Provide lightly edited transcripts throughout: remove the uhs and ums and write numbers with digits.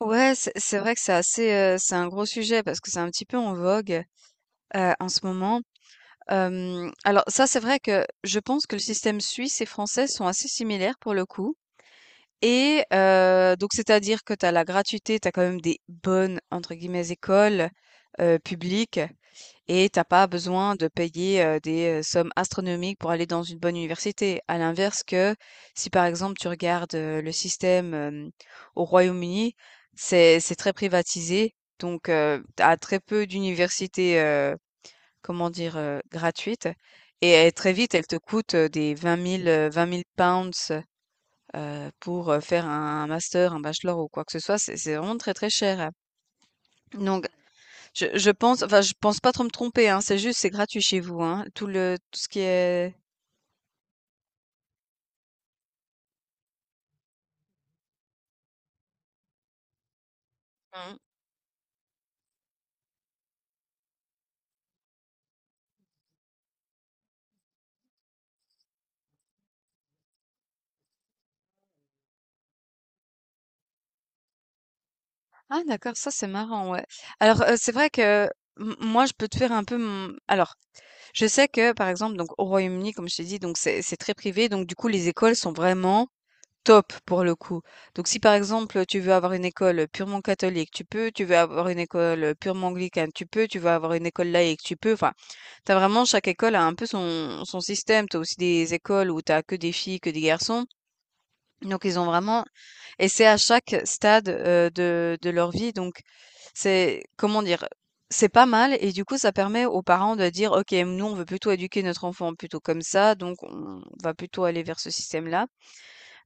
Ouais, c'est vrai que c'est assez, c'est un gros sujet parce que c'est un petit peu en vogue, en ce moment. Alors ça, c'est vrai que je pense que le système suisse et français sont assez similaires pour le coup et donc c'est-à-dire que tu as la gratuité, tu as quand même des «bonnes» entre guillemets écoles, publiques. Et t'as pas besoin de payer, des, sommes astronomiques pour aller dans une bonne université. À l'inverse que, si par exemple tu regardes, le système, au Royaume-Uni, c'est très privatisé, donc tu très peu d'universités, comment dire? Gratuites et elles très vite, elles te coûtent, des 20 000, £20 000, pour, faire un master, un bachelor ou quoi que ce soit. C'est vraiment très, très cher. Donc je pense enfin, je pense pas trop me tromper, hein, c'est juste, c'est gratuit chez vous, hein, tout ce qui est. Mmh. Ah, d'accord, ça c'est marrant, ouais. Alors, c'est vrai que m moi, je peux te faire un peu mon alors, je sais que, par exemple, donc au Royaume-Uni, comme je t'ai dit, donc c'est très privé, donc du coup, les écoles sont vraiment top pour le coup. Donc si par exemple tu veux avoir une école purement catholique, tu peux, tu veux avoir une école purement anglicane, tu peux, tu veux avoir une école laïque, tu peux, enfin, t'as vraiment, chaque école a un peu son système, t'as aussi des écoles où t'as que des filles, que des garçons, donc ils ont vraiment, et c'est à chaque stade de leur vie, donc c'est, comment dire, c'est pas mal, et du coup ça permet aux parents de dire, ok, nous on veut plutôt éduquer notre enfant plutôt comme ça, donc on va plutôt aller vers ce système-là.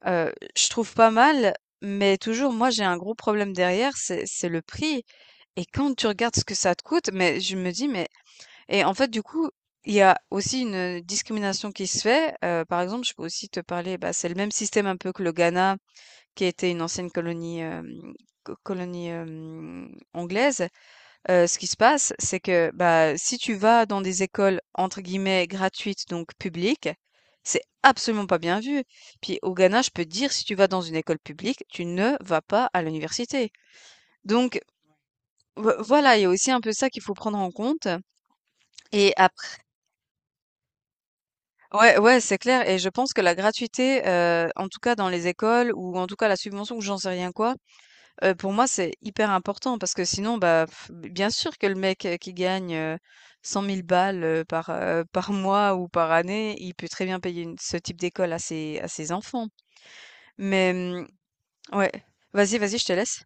Je trouve pas mal, mais toujours moi j'ai un gros problème derrière, c'est le prix et quand tu regardes ce que ça te coûte, mais je me dis: «Mais» et en fait du coup, il y a aussi une discrimination qui se fait, par exemple, je peux aussi te parler, bah, c'est le même système un peu que le Ghana qui était une ancienne colonie, hem, co colonie, anglaise. Ce qui se passe, c'est que, bah, si tu vas dans des écoles entre guillemets «gratuites», donc publiques, c'est absolument pas bien vu. Puis au Ghana, je peux te dire, si tu vas dans une école publique, tu ne vas pas à l'université. Donc voilà, il y a aussi un peu ça qu'il faut prendre en compte et après ouais, ouais, c'est clair et je pense que la gratuité, en tout cas dans les écoles ou en tout cas la subvention ou j'en sais rien quoi. Pour moi, c'est hyper important parce que sinon, bah, f bien sûr que le mec, qui gagne, 100 000 balles, par, par mois ou par année, il peut très bien payer une ce type d'école à ses enfants. Mais, mmh, ouais. Vas-y, vas-y, je te laisse.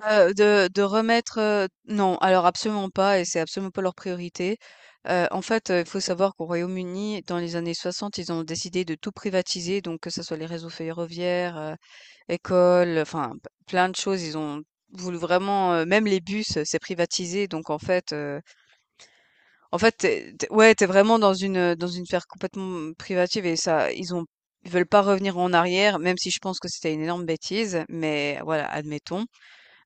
De remettre, non, alors absolument pas et c'est absolument pas leur priorité. En fait, il faut savoir qu'au Royaume-Uni, dans les années 60, ils ont décidé de tout privatiser, donc que ce soit les réseaux ferroviaires, écoles, enfin p plein de choses. Ils ont voulu vraiment, même les bus, c'est privatisé donc en fait, tu es ouais, t'es vraiment dans une sphère complètement privative et ça ils veulent pas revenir en arrière, même si je pense que c'était une énorme bêtise, mais voilà, admettons.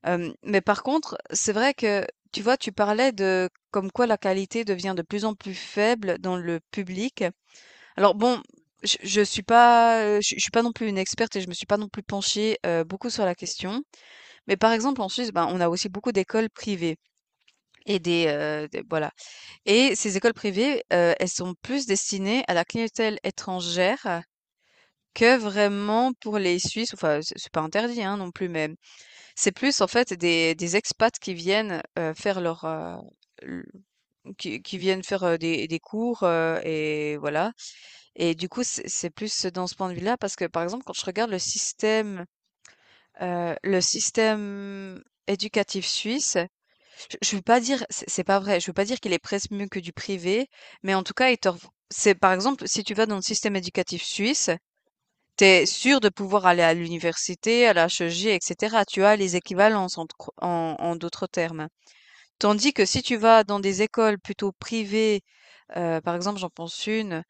Mais par contre, c'est vrai que, tu vois, tu parlais de comme quoi la qualité devient de plus en plus faible dans le public. Alors bon, je suis pas, je suis pas non plus une experte et je me suis pas non plus penchée, beaucoup sur la question. Mais par exemple, en Suisse, ben, on a aussi beaucoup d'écoles privées et des voilà. Et ces écoles privées, elles sont plus destinées à la clientèle étrangère que vraiment pour les Suisses. Enfin, c'est pas interdit, hein, non plus, mais c'est plus en fait des expats qui viennent, faire leur, l qui viennent faire, des cours, et voilà. Et du coup, c'est plus dans ce point de vue-là parce que, par exemple, quand je regarde le système éducatif suisse, je veux pas dire c'est pas vrai, je veux pas dire qu'il est presque mieux que du privé, mais en tout cas, il t'offre c'est par exemple, si tu vas dans le système éducatif suisse, tu es sûr de pouvoir aller à l'université, à la HEG, et cetera. Tu as les équivalences en d'autres termes. Tandis que si tu vas dans des écoles plutôt privées, par exemple, j'en pense une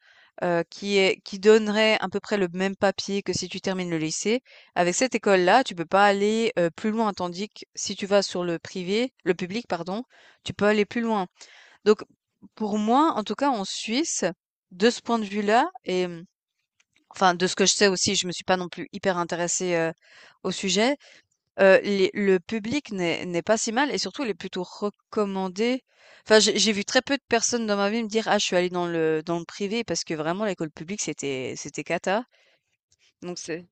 qui donnerait à peu près le même papier que si tu termines le lycée. Avec cette école-là, tu peux pas aller plus loin. Tandis que si tu vas sur le privé, le public, pardon, tu peux aller plus loin. Donc, pour moi, en tout cas, en Suisse, de ce point de vue-là, et enfin, de ce que je sais aussi, je me suis pas non plus hyper intéressée, au sujet. Les Le public n'est pas si mal et surtout, il est plutôt recommandé. Enfin, j'ai vu très peu de personnes dans ma vie me dire: «Ah, je suis allée dans le privé» parce que vraiment l'école publique, c'était cata. Donc c'est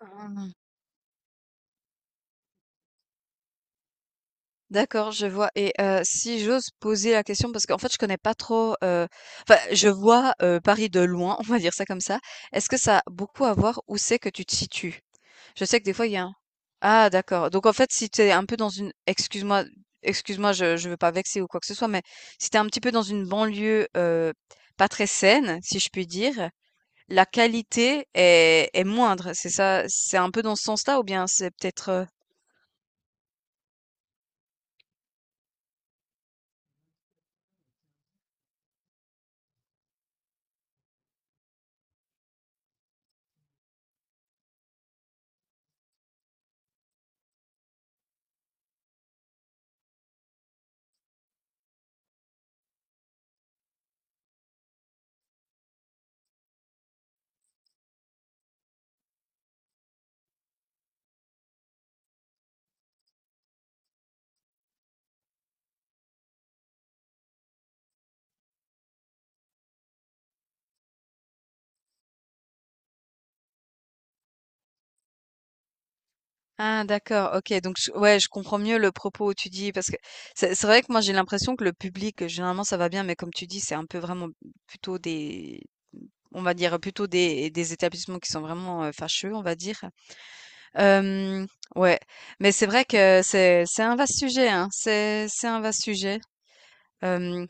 Ah, d'accord, je vois et si j'ose poser la question parce qu'en fait, je connais pas trop, enfin, je vois, Paris de loin, on va dire ça comme ça. Est-ce que ça a beaucoup à voir où c'est que tu te situes? Je sais que des fois, il y a un. Ah, d'accord. Donc en fait, si tu es un peu dans une excuse-moi, excuse-moi, je veux pas vexer ou quoi que ce soit, mais si tu es un petit peu dans une banlieue, pas très saine, si je puis dire, la qualité est moindre. C'est ça? C'est un peu dans ce sens-là ou bien c'est peut-être, ah, d'accord, OK, donc je ouais, je comprends mieux le propos où tu dis parce que c'est vrai que moi j'ai l'impression que le public, généralement ça va bien, mais comme tu dis, c'est un peu vraiment plutôt des on va dire plutôt des établissements qui sont vraiment, fâcheux, on va dire. Hem, ouais, mais c'est vrai que c'est un vaste sujet, hein. C'est un vaste sujet. Hem,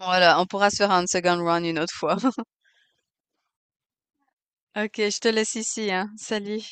voilà, on pourra se faire un second round une autre fois. OK, je te laisse ici, hein. Salut.